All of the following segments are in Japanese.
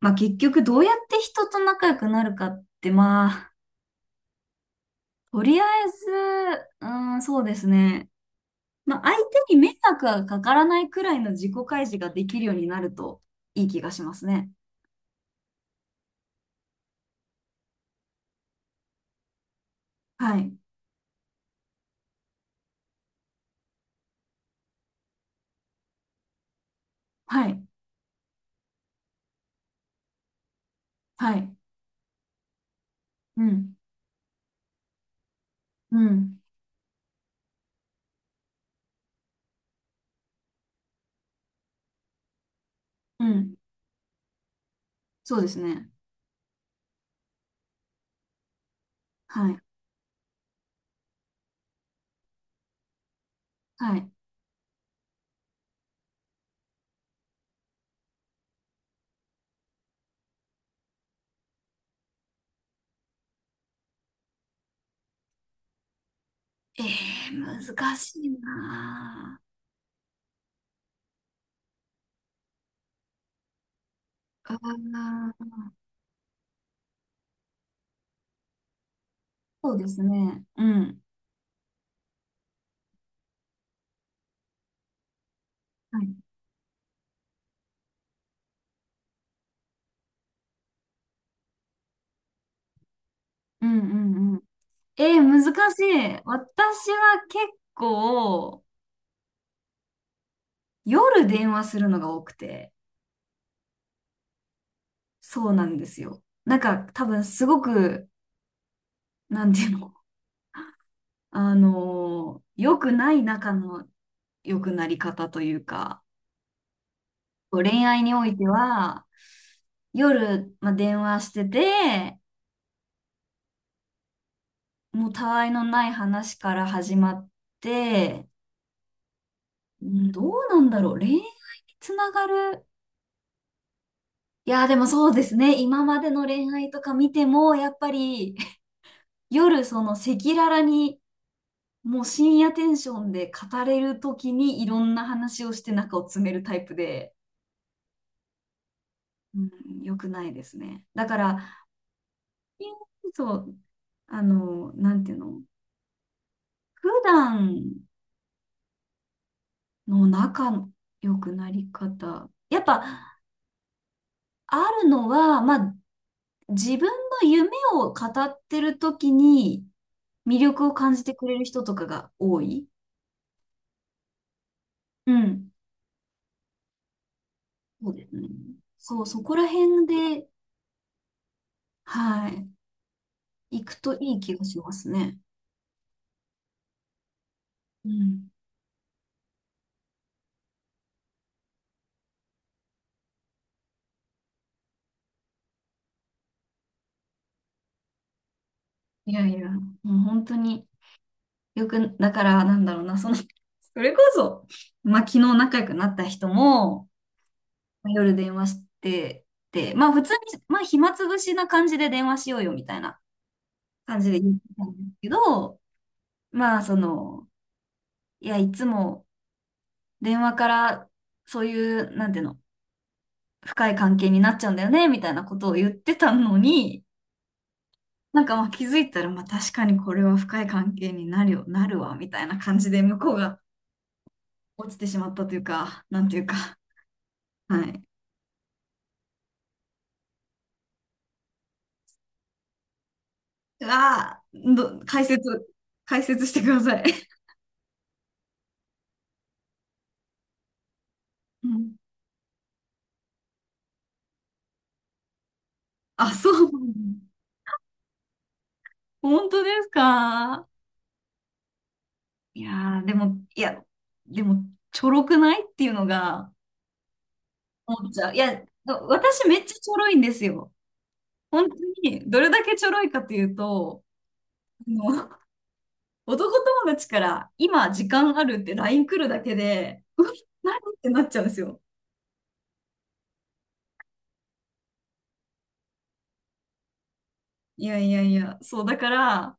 まあ結局どうやって人と仲良くなるかって、とりあえず、そうですね。まあ相手に迷惑がかからないくらいの自己開示ができるようになるといい気がしますね。はい。はい。はい。うん。うん。うん。そうですね。はい。はい。えー、難しいなぁ。あー、そうですね。うん。はい。うんうんうん。難しい。私は結構、夜電話するのが多くて、そうなんですよ。なんか多分すごく、なんていうの、あのー良くない仲の良くなり方というか、恋愛においては、夜、電話してて、もうたわいのない話から始まって、うんどうなんだろう、恋愛につながる。いや、でもそうですね。今までの恋愛とか見ても、やっぱり夜その赤裸々にもう深夜テンションで語れるときにいろんな話をして中を詰めるタイプで、うん、良くないですね。だから、そう、あの、なんていうの、普段の仲の良くなり方。やっぱ、あるのは、まあ、自分の夢を語ってるときに魅力を感じてくれる人とかが多い。うん。そうですね。そう、そこら辺で、はい、行くといい気がしますね。うん。いやいや、もう本当によく、だからなんだろうな、その、それこそ、まあ昨日仲良くなった人も、まあ夜電話して、で、まあ普通に、まあ暇つぶしな感じで電話しようよみたいな感じで言ってたんですけど、まあその、いや、いつも電話からそういう、なんていうの、深い関係になっちゃうんだよね、みたいなことを言ってたのに、なんかまあ気づいたら、まあ確かにこれは深い関係になるよ、なるわ、みたいな感じで向こうが、落ちてしまったというか、なんていうか、はい。うわー、ど、解説、解説してください。うん。あ、そう、本当ですか。いやー、でも、ちょろくないっていうのが思っちゃう。いや、私めっちゃちょろいんですよ。本当に、どれだけちょろいかというと、あの、男友達から今時間あるって LINE 来るだけで、うわ何ってなっちゃうんですよ。いやいやいや、そうだから、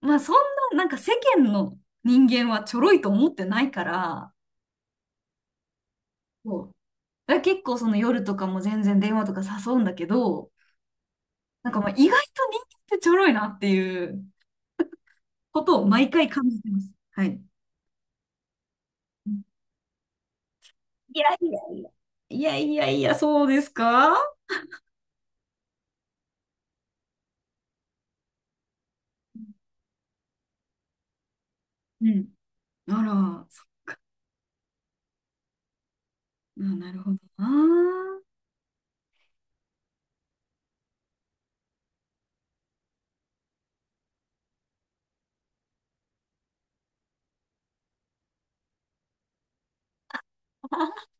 まあそんな、なんか世間の人間はちょろいと思ってないから、そう。だから結構その夜とかも全然電話とか誘うんだけど、なんかまあ意外と人間ってちょろいなっていうことを毎回感じてます。はい。うん、いやいやいや。いやいやいや、そうですか。うん。あら、そう。あ、なるほどな。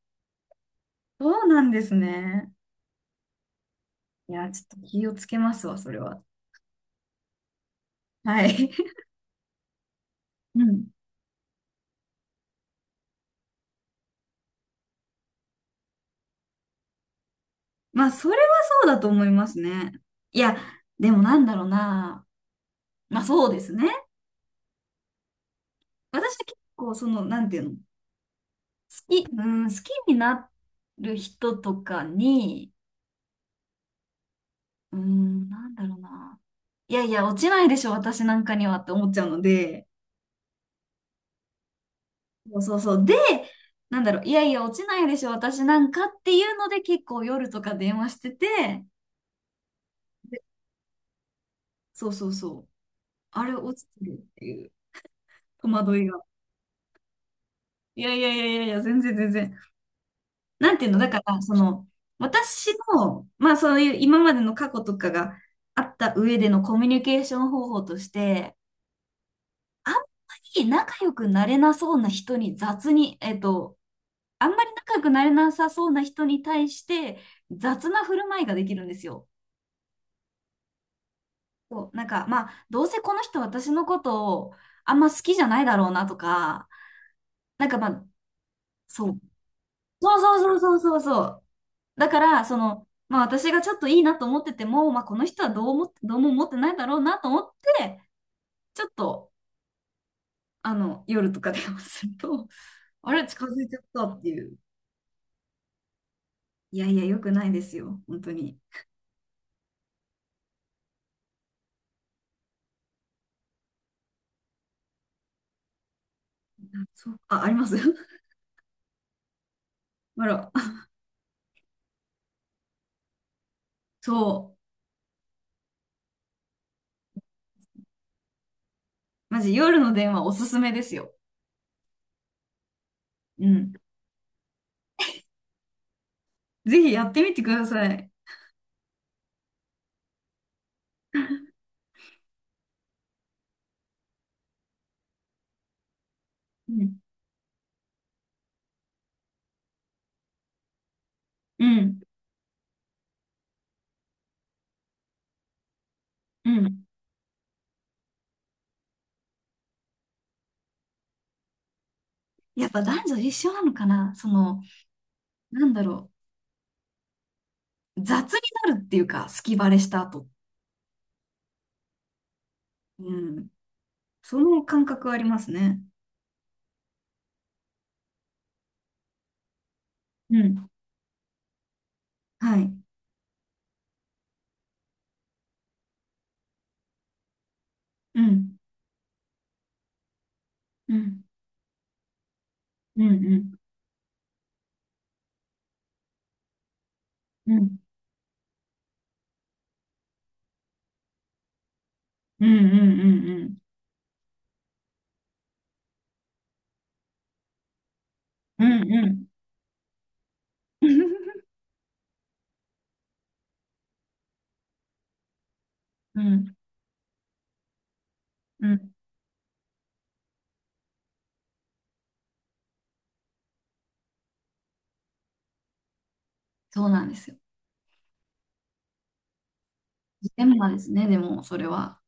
そうなんですね。いや、ちょっと気をつけますわ、それは。はい。うん、まあ、それはそうだと思いますね。いや、でもなんだろうな。まあ、そうですね。私は結構、その、なんていうの、好き、うん、好きになる人とかに、うん、なんだろうな。いやいや、落ちないでしょ、私なんかにはって思っちゃうので、そうそうそう。で、なんだろう、いやいや、落ちないでしょ、私なんかっていうので、結構夜とか電話してて、そうそうそう。あれ、落ちてるっていう戸惑いが。いやいやいやいやいや、全然全然。なんていうの、だから、私の、まあそういう今までの過去とかがあった上でのコミュニケーション方法として、あんまり仲良くなれなそうな人に雑に、えっと、あんまり仲良くなれなさそうな人に対して雑な振る舞いができるんですよ。そう、なんか、まあ、どうせこの人私のことをあんま好きじゃないだろうなとか、なんかまあ、そう。そうそうそうそうそうそう。だから、まあ私がちょっといいなと思ってても、まあこの人はどう思っどうも思ってないだろうなと思って、ちょっと、あの、夜とか電話すると、あれ、近づいちゃったっていう。いやいや、良くないですよ。本当に。あ、そう、あ、あります。 あら、そう。マジ、夜の電話おすすめですよ。うん。ぜひやってみてください。うん。うん。うん。やっぱ男女一緒なのかな、その、なんだろう。雑になるっていうか、隙バレした後。うん。その感覚はありますね。うん。はい。うん。うん。うん。うん。うん。うん。うん。うん。うん。うん。うん。うん、そうなんですよ。ジレンマですね、でも、それは。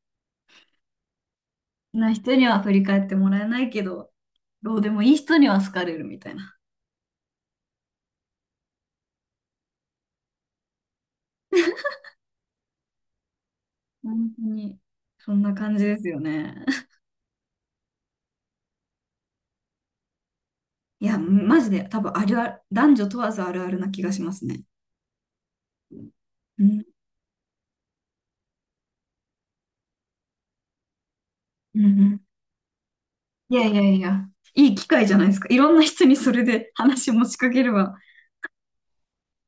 な人には振り返ってもらえないけど、どうでもいい人には好かれるみたいな。本当に、そんな感じですよね。いや、マジで、多分あるある、男女問わずあるあるな気がしますね。うん。うん。うん、いやいやいや、いい機会じゃないですか。いろんな人にそれで話持ちかければ、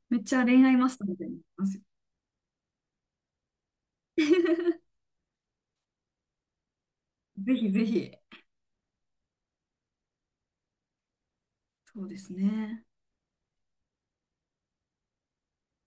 めっちゃ恋愛マスターみたいになりますよ。ぜひぜひ。そうですね。